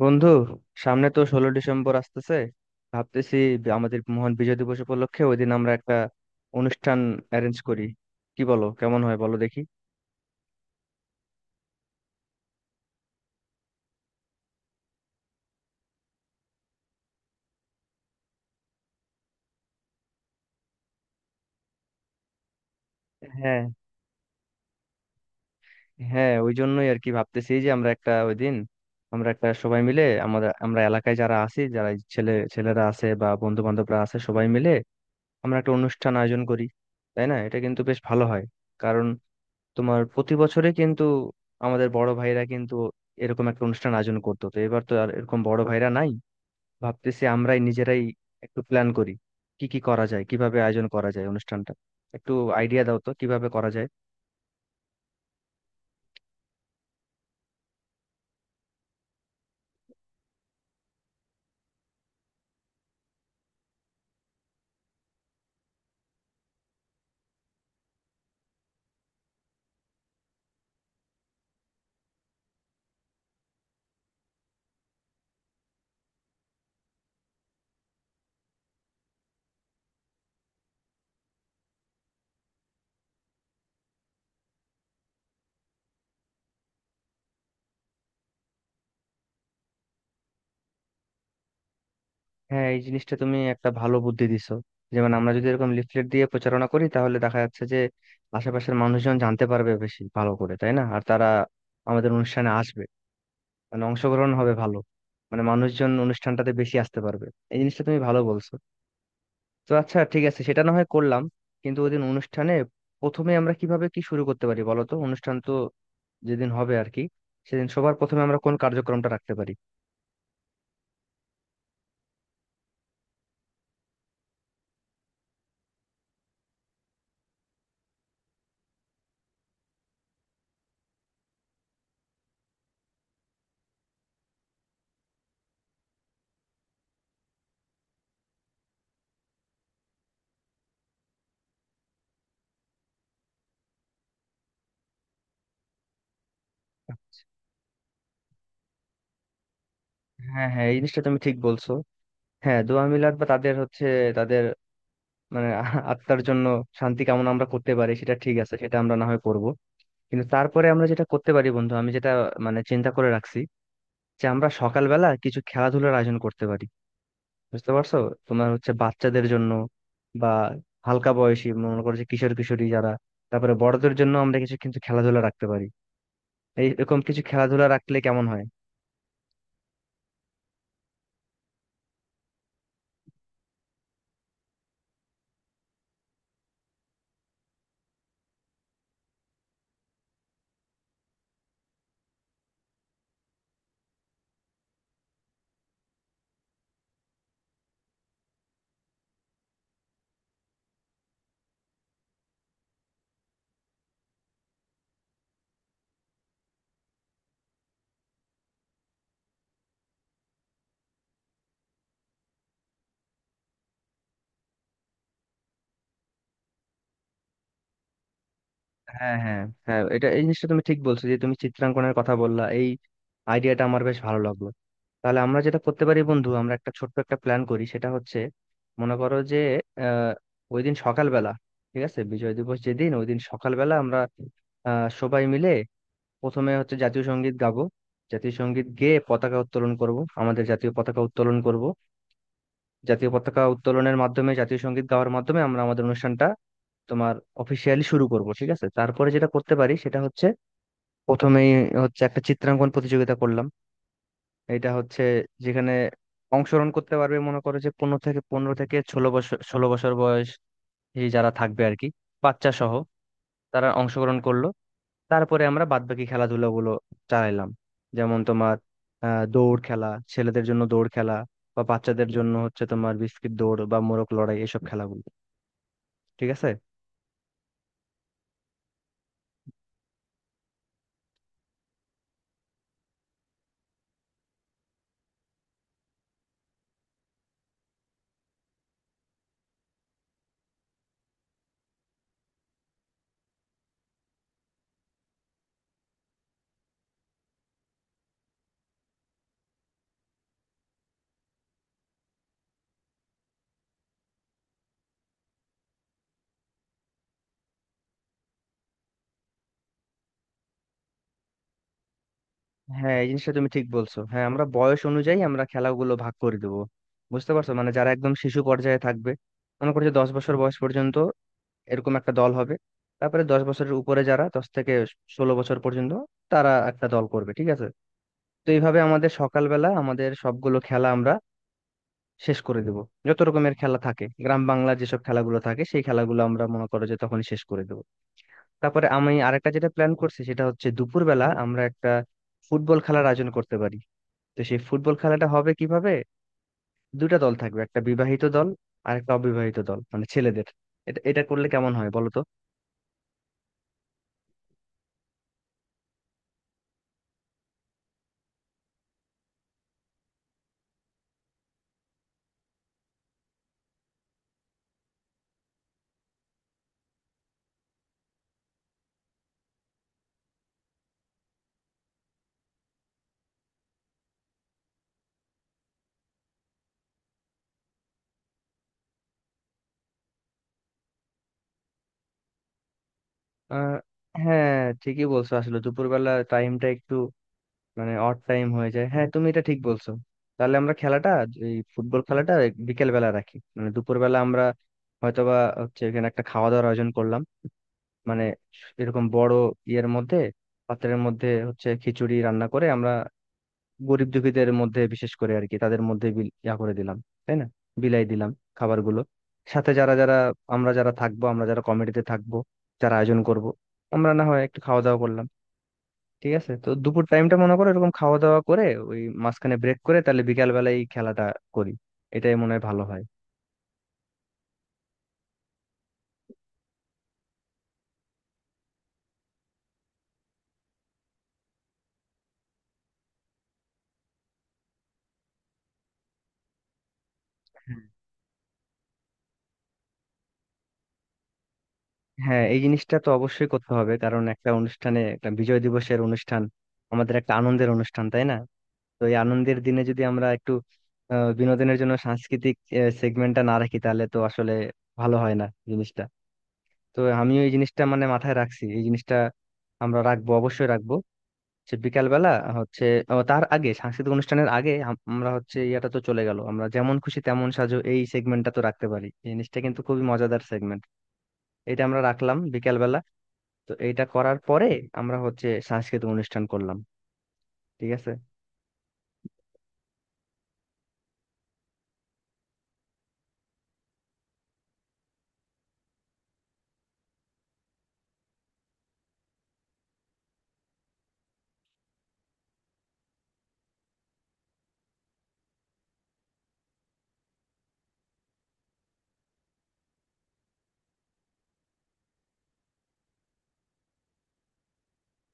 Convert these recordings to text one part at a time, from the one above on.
বন্ধু, সামনে তো 16 ডিসেম্বর আসতেছে। ভাবতেছি, আমাদের মহান বিজয় দিবস উপলক্ষে ওই দিন আমরা একটা অনুষ্ঠান অ্যারেঞ্জ করি। কি বলো, কেমন হয় বলো দেখি? হ্যাঁ। হ্যাঁ, ওই জন্যই আর কি ভাবতেছি যে আমরা একটা ওই দিন আমরা একটা সবাই মিলে, আমরা এলাকায় যারা আছি, যারা এই ছেলেরা আছে বা বন্ধু বান্ধবরা আছে, সবাই মিলে আমরা একটা অনুষ্ঠান আয়োজন করি। তাই না? এটা কিন্তু বেশ ভালো হয়। কারণ তোমার প্রতি বছরে কিন্তু আমাদের বড় ভাইরা কিন্তু এরকম একটা অনুষ্ঠান আয়োজন করতো, তো এবার তো আর এরকম বড় ভাইরা নাই। ভাবতেছি আমরাই নিজেরাই একটু প্ল্যান করি, কি কি করা যায়, কিভাবে আয়োজন করা যায় অনুষ্ঠানটা। একটু আইডিয়া দাও তো কিভাবে করা যায়। হ্যাঁ, এই জিনিসটা তুমি একটা ভালো বুদ্ধি দিছো। যেমন আমরা যদি এরকম লিফলেট দিয়ে প্রচারণা করি তাহলে দেখা যাচ্ছে যে আশেপাশের মানুষজন জানতে পারবে বেশি ভালো করে, তাই না? আর তারা আমাদের অনুষ্ঠানে আসবে, মানে অংশগ্রহণ হবে ভালো, মানে মানুষজন অনুষ্ঠানটাতে বেশি আসতে পারবে। এই জিনিসটা তুমি ভালো বলছো। তো আচ্ছা, ঠিক আছে, সেটা না হয় করলাম। কিন্তু ওই দিন অনুষ্ঠানে প্রথমে আমরা কিভাবে কি শুরু করতে পারি বলো তো। অনুষ্ঠান তো যেদিন হবে আর কি, সেদিন সবার প্রথমে আমরা কোন কার্যক্রমটা রাখতে পারি? আচ্ছা। হ্যাঁ হ্যাঁ, এই জিনিসটা তুমি ঠিক বলছো। হ্যাঁ, দোয়া মিলাদ বা তাদের হচ্ছে, তাদের মানে আত্মার জন্য শান্তি কামনা আমরা করতে পারি। সেটা ঠিক আছে, সেটা আমরা না হয় করব। কিন্তু তারপরে আমরা যেটা করতে পারি বন্ধু, আমি যেটা মানে চিন্তা করে রাখছি যে আমরা সকালবেলা কিছু খেলাধুলার আয়োজন করতে পারি। বুঝতে পারছো? তোমার হচ্ছে বাচ্চাদের জন্য বা হালকা বয়সী, মনে করো যে কিশোর কিশোরী যারা। তারপরে বড়দের জন্য আমরা কিছু কিন্তু খেলাধুলা রাখতে পারি। এই এরকম কিছু খেলাধুলা রাখলে কেমন হয়? হ্যাঁ হ্যাঁ। হ্যাঁ, এটা এই জিনিসটা তুমি ঠিক বলছো যে তুমি চিত্রাঙ্কনের কথা বললা, এই আইডিয়াটা আমার বেশ ভালো লাগলো। তাহলে আমরা যেটা করতে পারি বন্ধু, আমরা একটা ছোট্ট একটা প্ল্যান করি, সেটা হচ্ছে মনে করো যে আহ ওই দিন সকালবেলা, ঠিক আছে বিজয় দিবস যেদিন, ওই দিন সকালবেলা আমরা সবাই মিলে প্রথমে হচ্ছে জাতীয় সঙ্গীত গাবো। জাতীয় সঙ্গীত গেয়ে পতাকা উত্তোলন করব, আমাদের জাতীয় পতাকা উত্তোলন করব। জাতীয় পতাকা উত্তোলনের মাধ্যমে, জাতীয় সঙ্গীত গাওয়ার মাধ্যমে আমরা আমাদের অনুষ্ঠানটা তোমার অফিসিয়ালি শুরু করব। ঠিক আছে, তারপরে যেটা করতে পারি সেটা হচ্ছে প্রথমেই হচ্ছে একটা চিত্রাঙ্কন প্রতিযোগিতা করলাম। এটা হচ্ছে যেখানে অংশগ্রহণ করতে পারবে মনে করো যে পনেরো থেকে ষোলো বছর বয়স যারা থাকবে আর কি, বাচ্চা সহ। তারা অংশগ্রহণ করলো। তারপরে আমরা বাদবাকি খেলাধুলা গুলো চালাইলাম, যেমন তোমার দৌড় খেলা, ছেলেদের জন্য দৌড় খেলা, বা বাচ্চাদের জন্য হচ্ছে তোমার বিস্কিট দৌড় বা মোরগ লড়াই, এসব খেলাগুলো। ঠিক আছে। হ্যাঁ, এই জিনিসটা তুমি ঠিক বলছো। হ্যাঁ, আমরা বয়স অনুযায়ী আমরা খেলাগুলো ভাগ করে দেবো। বুঝতে পারছো, মানে যারা একদম শিশু পর্যায়ে থাকবে, মনে করছে 10 বছর বয়স পর্যন্ত, এরকম একটা দল হবে। তারপরে 10 বছরের উপরে যারা, 10 থেকে 16 বছর পর্যন্ত, তারা একটা দল করবে। ঠিক আছে। তো এইভাবে আমাদের সকালবেলা আমাদের সবগুলো খেলা আমরা শেষ করে দেব। যত রকমের খেলা থাকে গ্রাম বাংলা যেসব খেলাগুলো থাকে সেই খেলাগুলো আমরা মনে করো যে তখনই শেষ করে দেব। তারপরে আমি আরেকটা যেটা প্ল্যান করছি সেটা হচ্ছে দুপুরবেলা আমরা একটা ফুটবল খেলার আয়োজন করতে পারি। তো সেই ফুটবল খেলাটা হবে কিভাবে? দুইটা দল থাকবে, একটা বিবাহিত দল আর একটা অবিবাহিত দল, মানে ছেলেদের। এটা এটা করলে কেমন হয় বলো তো? আহ হ্যাঁ, ঠিকই বলছো, আসলে দুপুরবেলা টাইমটা একটু মানে অড টাইম হয়ে যায়। হ্যাঁ, তুমি এটা ঠিক বলছো। তাহলে আমরা খেলাটা, এই ফুটবল খেলাটা বিকেল বেলা রাখি। মানে দুপুর বেলা আমরা হয়তোবা হচ্ছে এখানে একটা খাওয়া দাওয়ার আয়োজন করলাম, মানে এরকম বড় ইয়ের মধ্যে, পাত্রের মধ্যে হচ্ছে খিচুড়ি রান্না করে আমরা গরিব দুঃখীদের মধ্যে বিশেষ করে আর কি তাদের মধ্যে ইয়া করে দিলাম। তাই না? বিলাই দিলাম খাবারগুলো। সাথে যারা যারা আমরা যারা থাকবো, আমরা যারা কমিটিতে থাকবো, যারা আয়োজন করব, আমরা না হয় একটু খাওয়া দাওয়া করলাম। ঠিক আছে, তো দুপুর টাইমটা মনে করো এরকম খাওয়া দাওয়া করে ওই মাঝখানে ব্রেক করে, তাহলে বিকাল বেলায় এই খেলাটা করি। এটাই মনে হয় ভালো হয়। হ্যাঁ হ্যাঁ, এই জিনিসটা তো অবশ্যই করতে হবে, কারণ একটা অনুষ্ঠানে, একটা বিজয় দিবসের অনুষ্ঠান, আমাদের একটা আনন্দের অনুষ্ঠান, তাই না? তো এই আনন্দের দিনে যদি আমরা একটু বিনোদনের জন্য সাংস্কৃতিক সেগমেন্টটা না রাখি, তাহলে তো আসলে ভালো হয় না জিনিসটা। তো আমিও এই জিনিসটা মানে মাথায় রাখছি, এই জিনিসটা আমরা রাখবো, অবশ্যই রাখবো। সে বিকালবেলা হচ্ছে ও, তার আগে সাংস্কৃতিক অনুষ্ঠানের আগে আমরা হচ্ছে ইয়াটা তো চলে গেল, আমরা যেমন খুশি তেমন সাজো, এই সেগমেন্টটা তো রাখতে পারি। এই জিনিসটা কিন্তু খুবই মজাদার সেগমেন্ট। এটা আমরা রাখলাম বিকালবেলা। তো এইটা করার পরে আমরা হচ্ছে সাংস্কৃতিক অনুষ্ঠান করলাম। ঠিক আছে।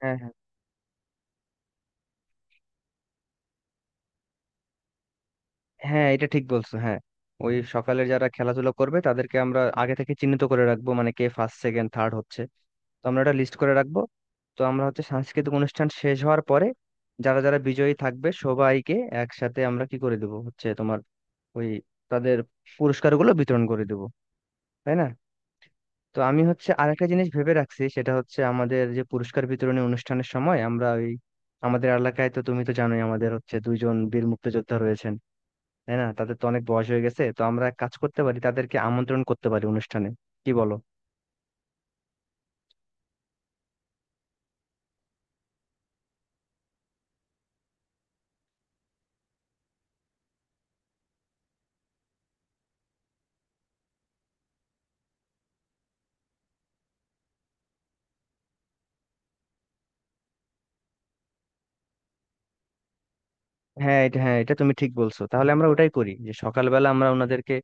হ্যাঁ হ্যাঁ। হ্যাঁ, এটা ঠিক বলছো। হ্যাঁ, ওই সকালে যারা খেলাধুলা করবে তাদেরকে আমরা আগে থেকে চিহ্নিত করে রাখবো, মানে কে ফার্স্ট, সেকেন্ড, থার্ড হচ্ছে। তো আমরা একটা লিস্ট করে রাখবো। তো আমরা হচ্ছে সাংস্কৃতিক অনুষ্ঠান শেষ হওয়ার পরে যারা যারা বিজয়ী থাকবে সবাইকে একসাথে আমরা কি করে দেবো হচ্ছে তোমার ওই তাদের পুরস্কারগুলো বিতরণ করে দেবো। তাই না? তো আমি হচ্ছে আরেকটা জিনিস ভেবে রাখছি, সেটা হচ্ছে আমাদের যে পুরস্কার বিতরণী অনুষ্ঠানের সময় আমরা ওই আমাদের এলাকায় তো তুমি তো জানোই আমাদের হচ্ছে দুইজন বীর মুক্তিযোদ্ধা রয়েছেন। তাই না? তাদের তো অনেক বয়স হয়ে গেছে, তো আমরা এক কাজ করতে পারি তাদেরকে আমন্ত্রণ করতে পারি অনুষ্ঠানে। কি বলো? হ্যাঁ, এটা হ্যাঁ এটা তুমি ঠিক বলছো। তাহলে আমরা ওটাই করি যে সকালবেলা আমরা ওনাদেরকে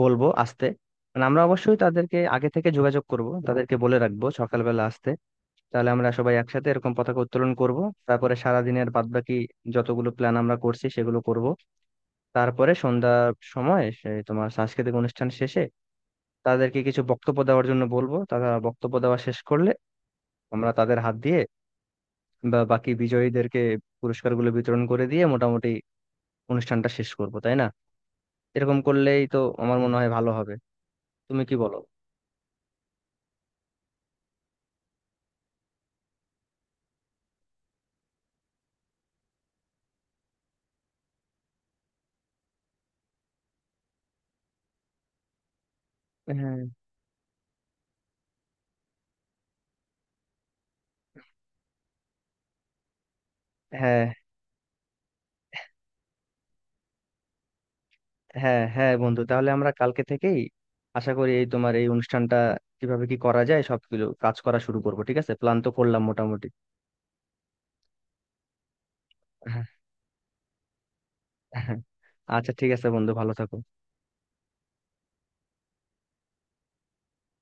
বলবো আসতে, মানে আমরা অবশ্যই তাদেরকে আগে থেকে যোগাযোগ করব, তাদেরকে বলে রাখবো সকালবেলা আসতে। তাহলে আমরা সবাই একসাথে এরকম পতাকা উত্তোলন করব। তারপরে সারা দিনের বাদবাকি যতগুলো প্ল্যান আমরা করছি সেগুলো করব। তারপরে সন্ধ্যার সময় সে তোমার সাংস্কৃতিক অনুষ্ঠান শেষে তাদেরকে কিছু বক্তব্য দেওয়ার জন্য বলবো। তারা বক্তব্য দেওয়া শেষ করলে আমরা তাদের হাত দিয়ে বা বাকি বিজয়ীদেরকে পুরস্কারগুলো বিতরণ করে দিয়ে মোটামুটি অনুষ্ঠানটা শেষ করবো। তাই না? এরকম করলেই তো আমার মনে হয় ভালো হবে। তুমি কি বলো? হ্যাঁ হ্যাঁ। হ্যাঁ হ্যাঁ বন্ধু, তাহলে আমরা কালকে থেকেই আশা করি এই তোমার এই অনুষ্ঠানটা কিভাবে কি করা যায় সবগুলো কাজ করা শুরু করবো। ঠিক আছে, প্ল্যান তো করলাম মোটামুটি। হ্যাঁ, হ্যাঁ। আচ্ছা ঠিক আছে বন্ধু, ভালো থাকো।